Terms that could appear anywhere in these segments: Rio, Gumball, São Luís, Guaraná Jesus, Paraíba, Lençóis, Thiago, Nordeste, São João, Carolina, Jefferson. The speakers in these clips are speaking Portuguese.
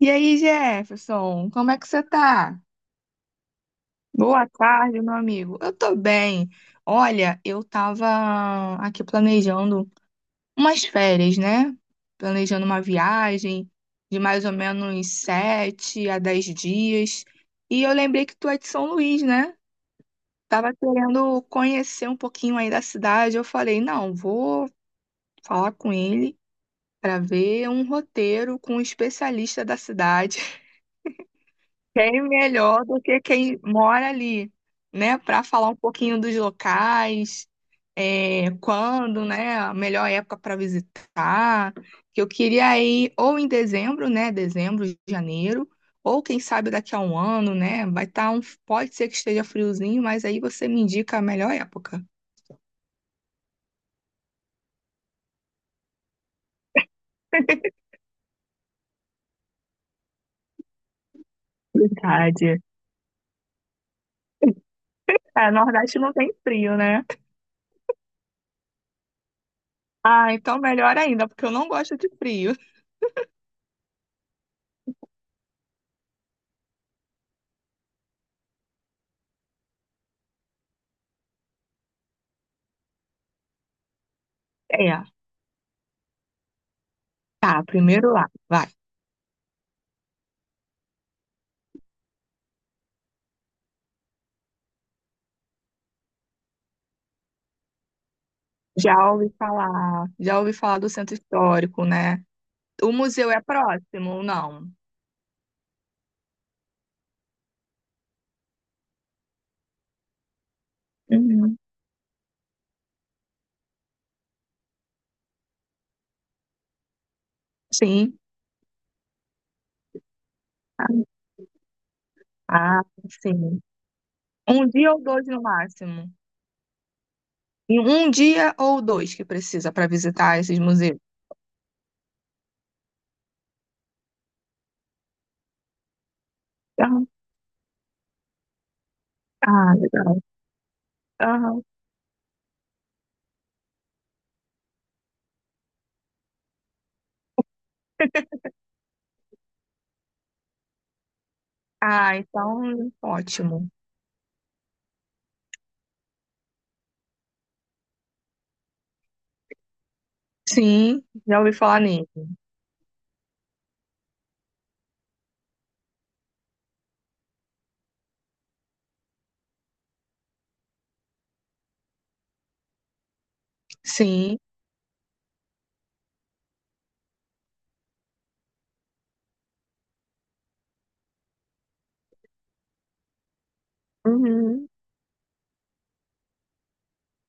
E aí, Jefferson, como é que você tá? Boa tarde, meu amigo. Eu tô bem. Olha, eu tava aqui planejando umas férias, né? Planejando uma viagem de mais ou menos 7 a 10 dias. E eu lembrei que tu é de São Luís, né? Tava querendo conhecer um pouquinho aí da cidade. Eu falei, não, vou falar com ele para ver um roteiro com um especialista da cidade. Quem melhor do que quem mora ali, né? Para falar um pouquinho dos locais, quando, né? A melhor época para visitar. Que eu queria ir ou em dezembro, né? Dezembro, janeiro, ou quem sabe daqui a um ano, né? Pode ser que esteja friozinho, mas aí você me indica a melhor época. Verdade. É, Nordeste não tem frio, né? Ah, então melhor ainda, porque eu não gosto de frio. É, tá, primeiro lá, vai. Já ouvi falar do centro histórico, né? O museu é próximo, ou não? Uhum. Sim. Ah, sim. Um dia ou dois no máximo. E um dia ou dois que precisa para visitar esses museus. Aham. Ah, legal. Aham. Ah, então, ótimo. Sim, já ouvi falar nele. Sim. Uhum.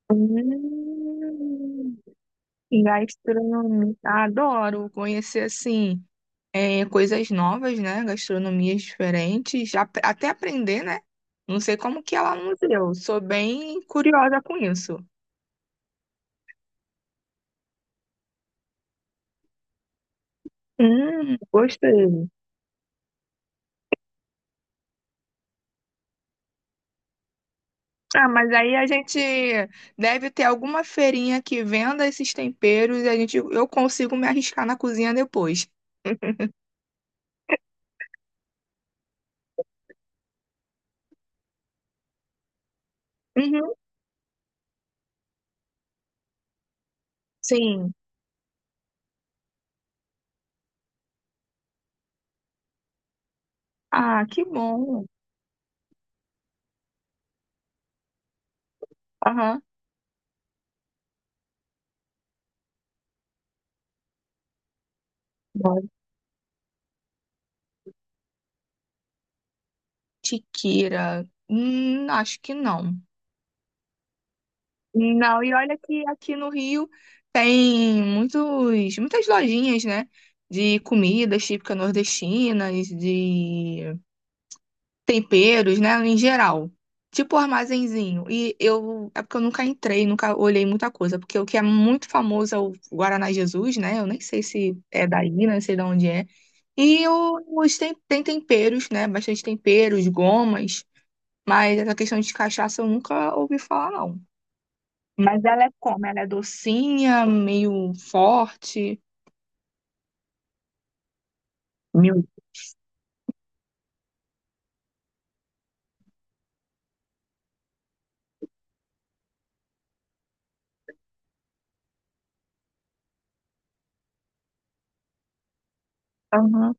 Hum. Gastronomia. Adoro conhecer assim, coisas novas, né? Gastronomias diferentes, já até aprender, né? Não sei como que ela não deu. Sou bem curiosa com isso. Gostei. Ah, mas aí a gente deve ter alguma feirinha que venda esses temperos, e eu consigo me arriscar na cozinha depois. Uhum, sim. Ah, que bom. Aham. Bom. Tiqueira. Acho que não. Não, e olha que aqui no Rio tem muitas lojinhas, né? De comidas típicas nordestinas, de temperos, né? Em geral. Tipo armazenzinho. E eu. É porque eu nunca entrei, nunca olhei muita coisa. Porque o que é muito famoso é o Guaraná Jesus, né? Eu nem sei se é daí, não sei de onde é. Tem temperos, né? Bastante temperos, gomas. Mas essa questão de cachaça eu nunca ouvi falar, não. Mas ela é como? Ela é docinha, meio forte? Meio. Aham.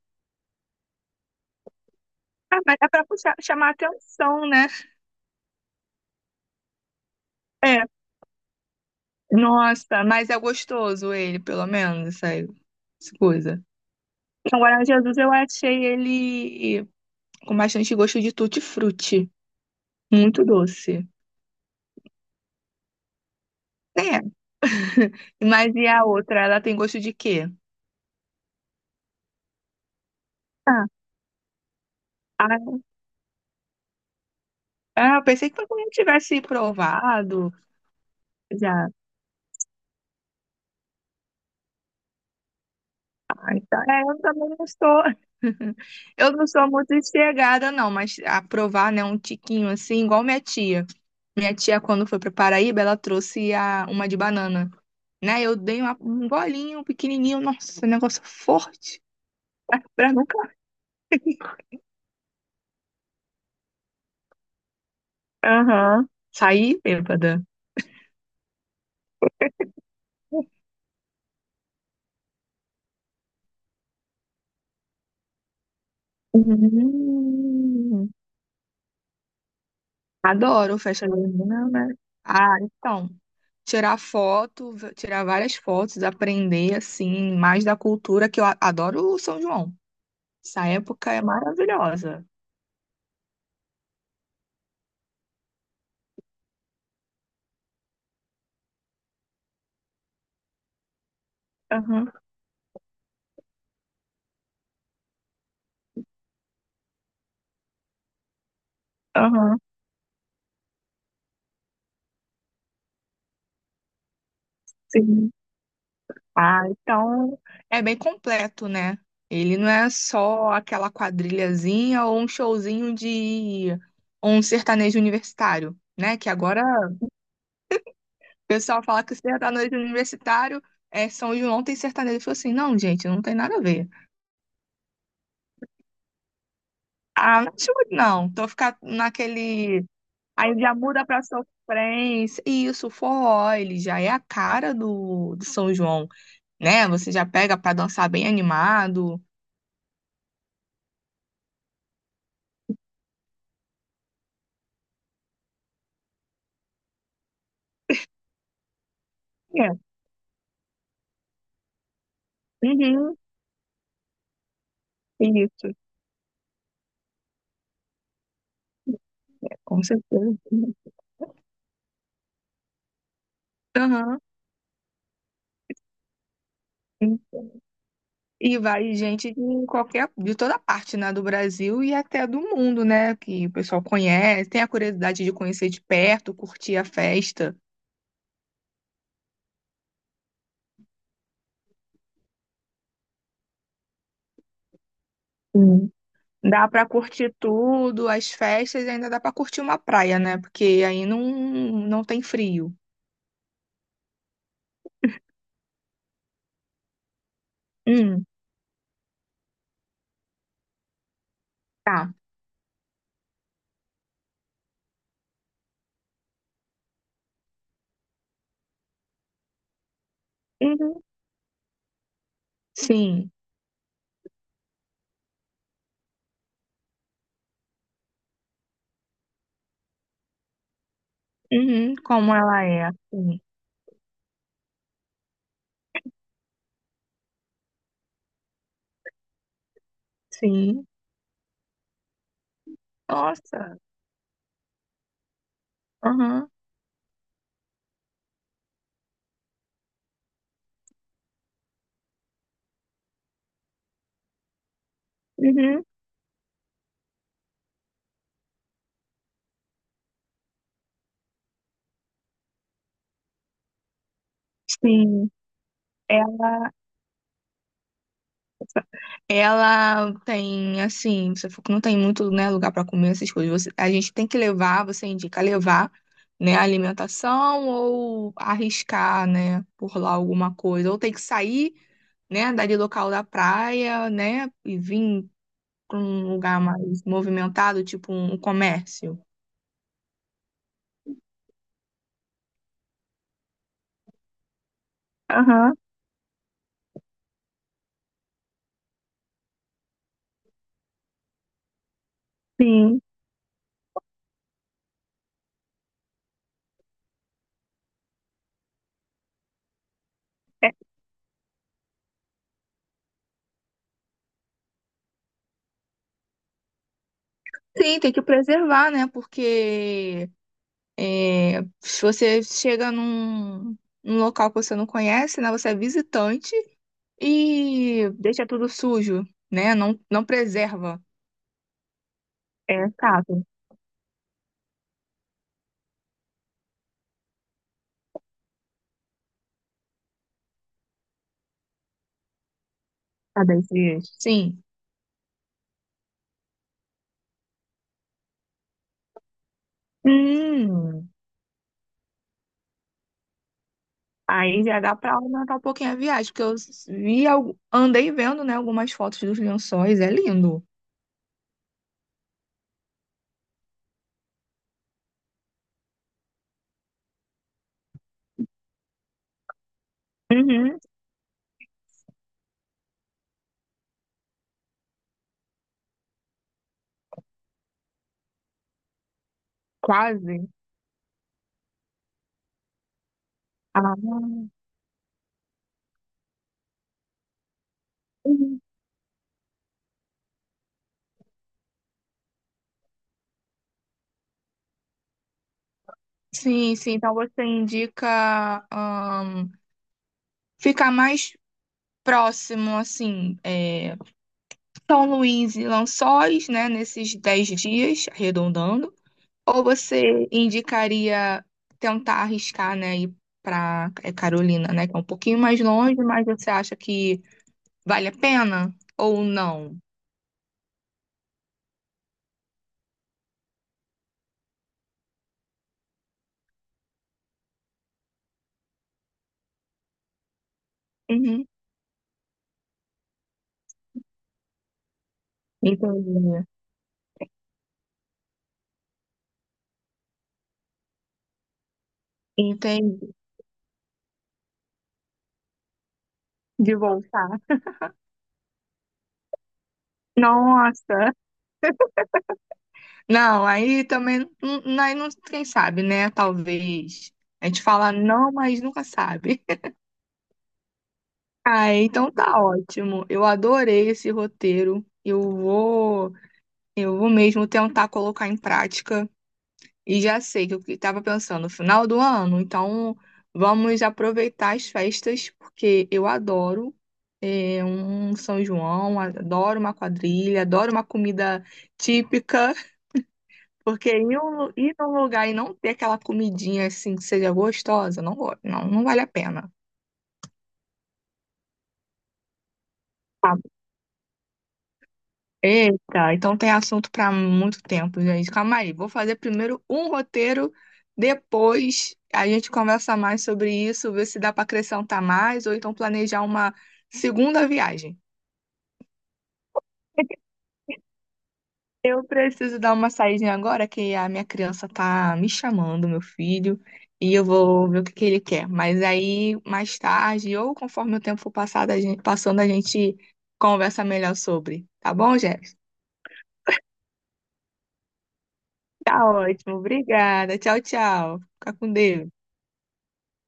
Ah, mas é pra puxar, chamar atenção, né? É. Nossa, mas é gostoso ele, pelo menos, essa coisa. O Guaraná Jesus eu achei ele com bastante gosto de tutti-frutti. Muito doce. É. Mas e a outra? Ela tem gosto de quê? Ah, ah, ah, eu pensei que todo mundo tivesse provado já. Ah, então, eu também não estou. Eu não sou muito chegada, não, mas aprovar, né, um tiquinho assim, igual minha tia. Minha tia, quando foi pra Paraíba, ela trouxe uma de banana, né? Eu dei um golinho pequenininho, nossa, um negócio forte, pra, nunca, aham, sair bêbada. Hum, adoro festa junina, né? Ah, então, tirar foto, tirar várias fotos, aprender assim mais da cultura, que eu adoro o São João. Essa época é maravilhosa. Aham, aham, sim. Ah, então é bem completo, né? Ele não é só aquela quadrilhazinha ou um showzinho de um sertanejo universitário, né? Que agora o pessoal fala que sertanejo universitário é São João, tem sertanejo. Eu falo assim, não, gente, não tem nada a ver. Ah, não acho muito não. Tô ficando naquele. Aí já muda pra sofrência. E isso, o forró, ele já é a cara do São João, né? Você já pega pra dançar bem animado. É, uhum, isso, com certeza. Aham. E vai gente de toda parte, né, do Brasil e até do mundo, né, que o pessoal conhece, tem a curiosidade de conhecer de perto, curtir a festa. Sim. Dá pra curtir tudo, as festas, e ainda dá pra curtir uma praia, né, porque aí não tem frio. Hum, tá. Uhum, sim. Uhum, como ela é. Sim. Sim. Nossa. Aham. Uhum, sim. Ela Ela tem, assim, você falou que não tem muito, né, lugar para comer essas coisas. A gente tem que levar, você indica levar, né, a alimentação, ou arriscar, né, por lá alguma coisa. Ou tem que sair, né, dali local da praia, né, e vir para um lugar mais movimentado, tipo um comércio. Aham, sim. É, sim, tem que preservar, né, porque, se você chega num local que você não conhece, né? Você é visitante e deixa tudo sujo, né? Não, não preserva. É chato. Tá 10 dias. Sim. Hum, aí já dá pra aumentar um pouquinho a viagem, porque andei vendo, né, algumas fotos dos lençóis, é lindo. Uhum, quase. Ah, uhum. Sim, sim. Então você indica, ficar mais próximo, assim, São Luís e Lençóis, né, nesses 10 dias, arredondando? Ou você indicaria tentar arriscar, né, ir para Carolina, né, que é um pouquinho mais longe, mas você acha que vale a pena ou não? Uhum, entendi. Entendi. De voltar. Nossa. Não, aí também, aí não, quem sabe, né? Talvez. A gente fala não, mas nunca sabe. Ah, então tá ótimo. Eu adorei esse roteiro. Eu vou mesmo tentar colocar em prática. E já sei que eu estava pensando no final do ano, então vamos aproveitar as festas, porque eu adoro, um São João, adoro uma quadrilha, adoro uma comida típica, porque ir num lugar e não ter aquela comidinha assim que seja gostosa, não, não, não vale a pena. Eita, então tem assunto para muito tempo, gente. Calma aí, vou fazer primeiro um roteiro, depois a gente conversa mais sobre isso, ver se dá para acrescentar mais ou então planejar uma segunda viagem. Eu preciso dar uma saída agora que a minha criança tá me chamando, meu filho, e eu vou ver o que que ele quer. Mas aí mais tarde, ou conforme o tempo for passado, a gente, passando, a gente conversa melhor sobre, tá bom, Jeff? Tá ótimo, obrigada. Tchau, tchau. Fica com Deus.